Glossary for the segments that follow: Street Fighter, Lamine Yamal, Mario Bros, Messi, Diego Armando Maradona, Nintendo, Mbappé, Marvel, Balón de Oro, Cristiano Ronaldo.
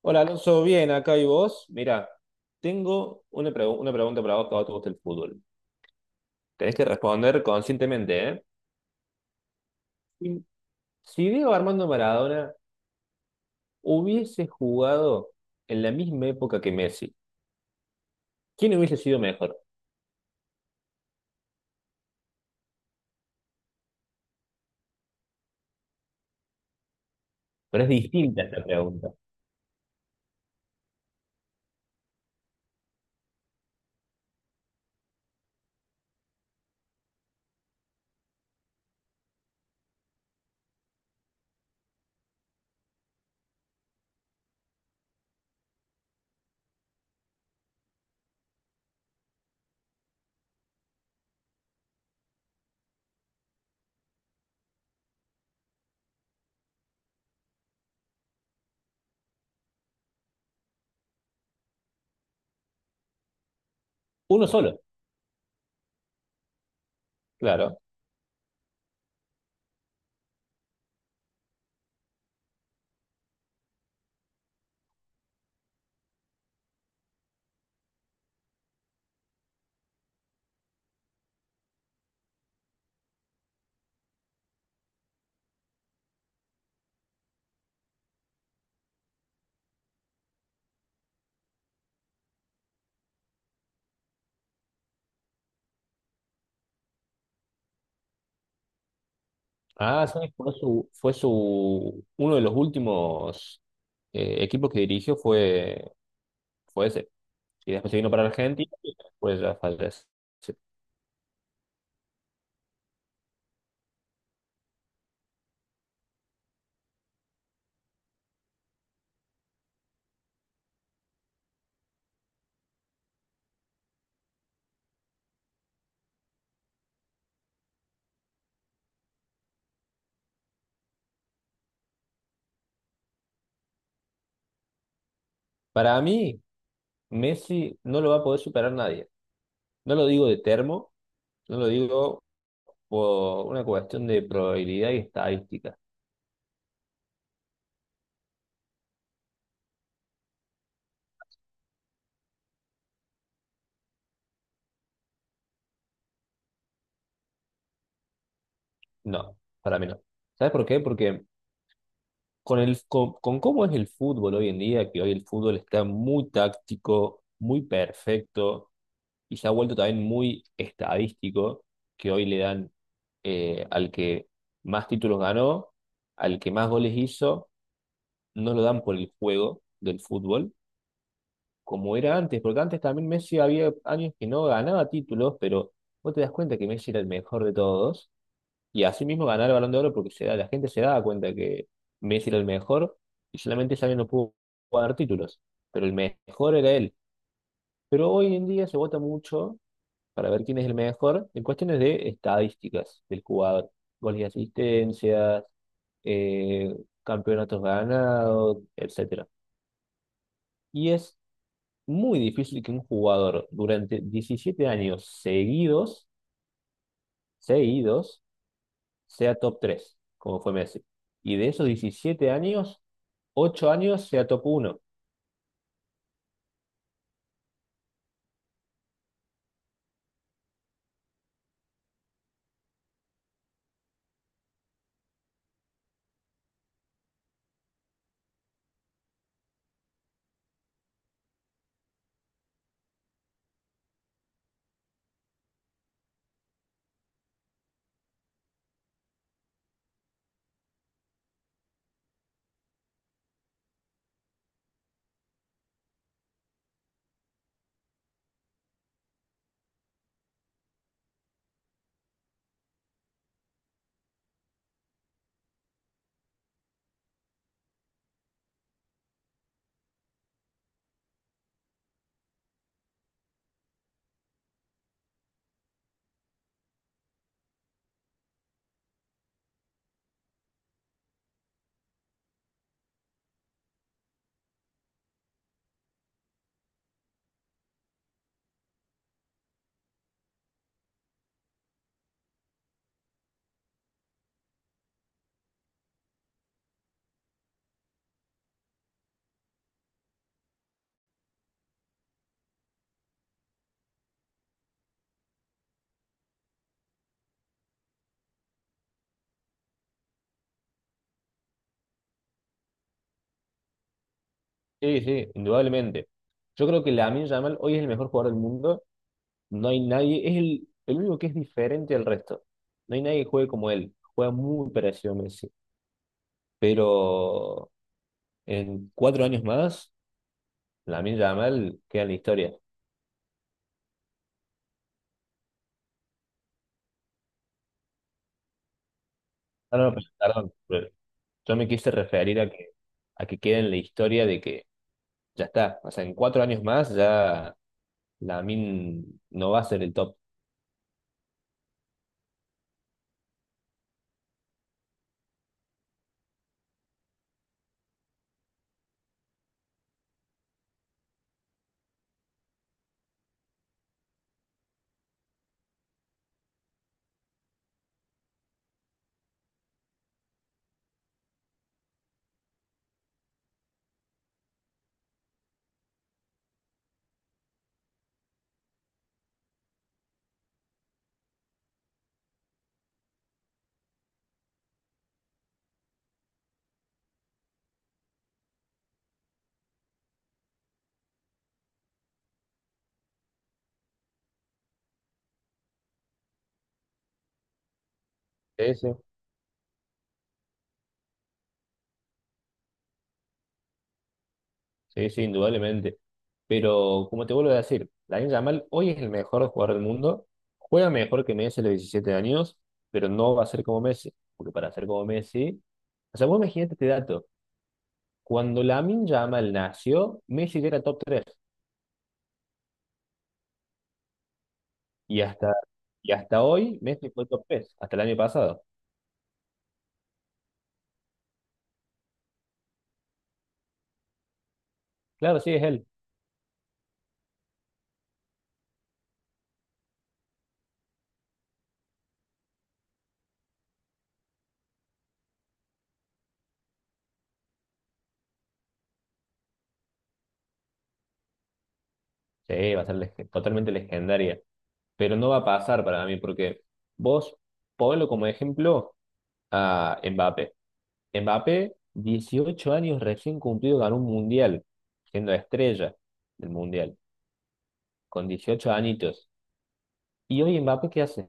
Hola Alonso, bien, acá y vos. Mira, tengo una, una pregunta para vos que a vos te gusta el fútbol. Tenés que responder conscientemente, ¿eh? Si si Diego Armando Maradona hubiese jugado en la misma época que Messi, ¿quién hubiese sido mejor? Pero es distinta esta pregunta. Uno solo, claro. Ah, ¿sabes? Fue su, uno de los últimos equipos que dirigió fue ese. Y después se vino para Argentina y después ya falleció. Para mí, Messi no lo va a poder superar nadie. No lo digo de termo, no lo digo por una cuestión de probabilidad y estadística. No, para mí no. ¿Sabes por qué? Porque con cómo es el fútbol hoy en día, que hoy el fútbol está muy táctico, muy perfecto y se ha vuelto también muy estadístico, que hoy le dan al que más títulos ganó, al que más goles hizo, no lo dan por el juego del fútbol como era antes, porque antes también Messi había años que no ganaba títulos, pero vos te das cuenta que Messi era el mejor de todos, y así mismo ganar el Balón de Oro porque la gente se daba cuenta que Messi era el mejor, y solamente ese año no pudo ganar títulos, pero el mejor era él. Pero hoy en día se vota mucho para ver quién es el mejor en cuestiones de estadísticas del jugador, goles y asistencias, eh, campeonatos ganados, etcétera. Y es muy difícil que un jugador durante 17 años seguidos, sea top 3 como fue Messi. Y de esos 17 años, 8 años sea top uno. Sí, sí, indudablemente. Yo creo que Lamine Yamal hoy es el mejor jugador del mundo. No hay nadie, es el único que es diferente al resto. No hay nadie que juegue como él. Juega muy parecido a Messi. Pero en cuatro años más, Lamine Yamal queda en la historia. Ah, no, no, perdón. Yo me quise referir a que quede en la historia de que ya está. O sea, en cuatro años más ya min no va a ser el top. Ese, sí, sí, sí, indudablemente. Pero como te vuelvo a decir, Lamine Yamal hoy es el mejor jugador del mundo. Juega mejor que Messi a los 17 años, pero no va a ser como Messi. Porque para ser como Messi. O sea, vos imagínate este dato. Cuando Lamine Yamal nació, Messi ya era top tres. Y hasta hoy, Messi fue top 3 hasta el año pasado. Claro, sí, es él. Sí, va a ser totalmente legendaria. Pero no va a pasar para mí, porque vos ponlo como ejemplo a Mbappé. Mbappé, 18 años recién cumplido, ganó un mundial, siendo estrella del mundial, con 18 añitos. ¿Y hoy Mbappé qué hace?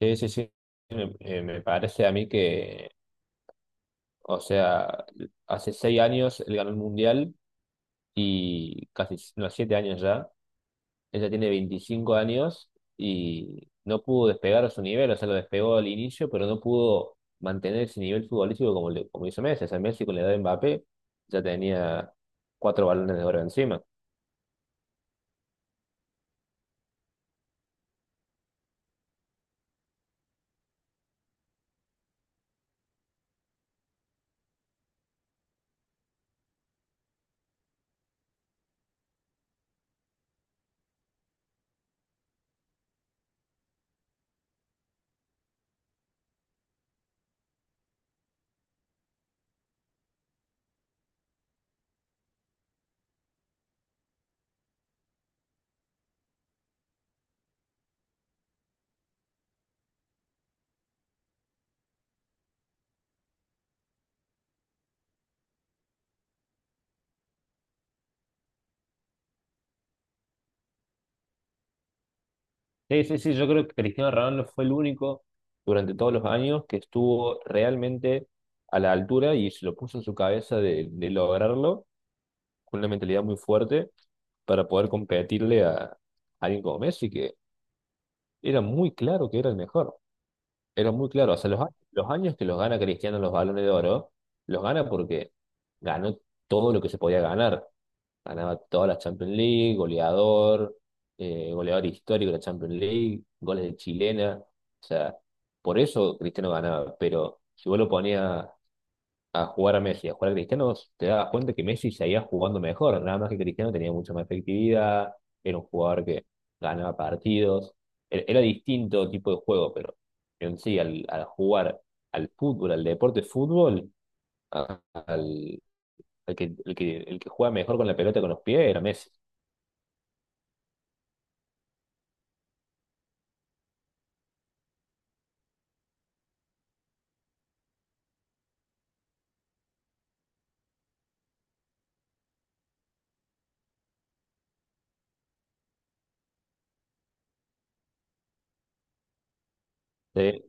Sí, sí, sí. Me parece a mí que, o sea, hace 6 años él ganó el mundial y casi, no, 7 años ya. Ella tiene 25 años y no pudo despegar a su nivel, o sea, lo despegó al inicio, pero no pudo mantener ese nivel futbolístico como, como hizo Messi. O sea, Messi con la edad de Mbappé ya tenía cuatro balones de oro encima. Sí, sí, sí, yo creo que Cristiano Ronaldo fue el único durante todos los años que estuvo realmente a la altura y se lo puso en su cabeza de lograrlo con una mentalidad muy fuerte para poder competirle a alguien como Messi, que era muy claro que era el mejor. Era muy claro, o sea, los años que los gana Cristiano los balones de oro, los gana porque ganó todo lo que se podía ganar. Ganaba todas las Champions League, goleador, goleador histórico de la Champions League, goles de chilena. O sea, por eso Cristiano ganaba. Pero si vos lo ponías a jugar a Messi, a jugar a Cristiano, te dabas cuenta que Messi seguía jugando mejor, nada más que Cristiano tenía mucha más efectividad, era un jugador que ganaba partidos, era distinto tipo de juego, pero en sí, al jugar al fútbol, al deporte fútbol, a- al, al que, el que, el que juega mejor con la pelota con los pies era Messi. Sí,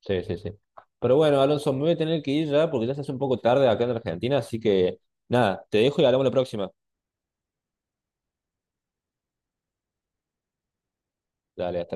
sí, sí, sí. Pero bueno, Alonso, me voy a tener que ir ya porque ya se hace un poco tarde acá en Argentina, así que nada, te dejo y hablamos la próxima. Dale, hasta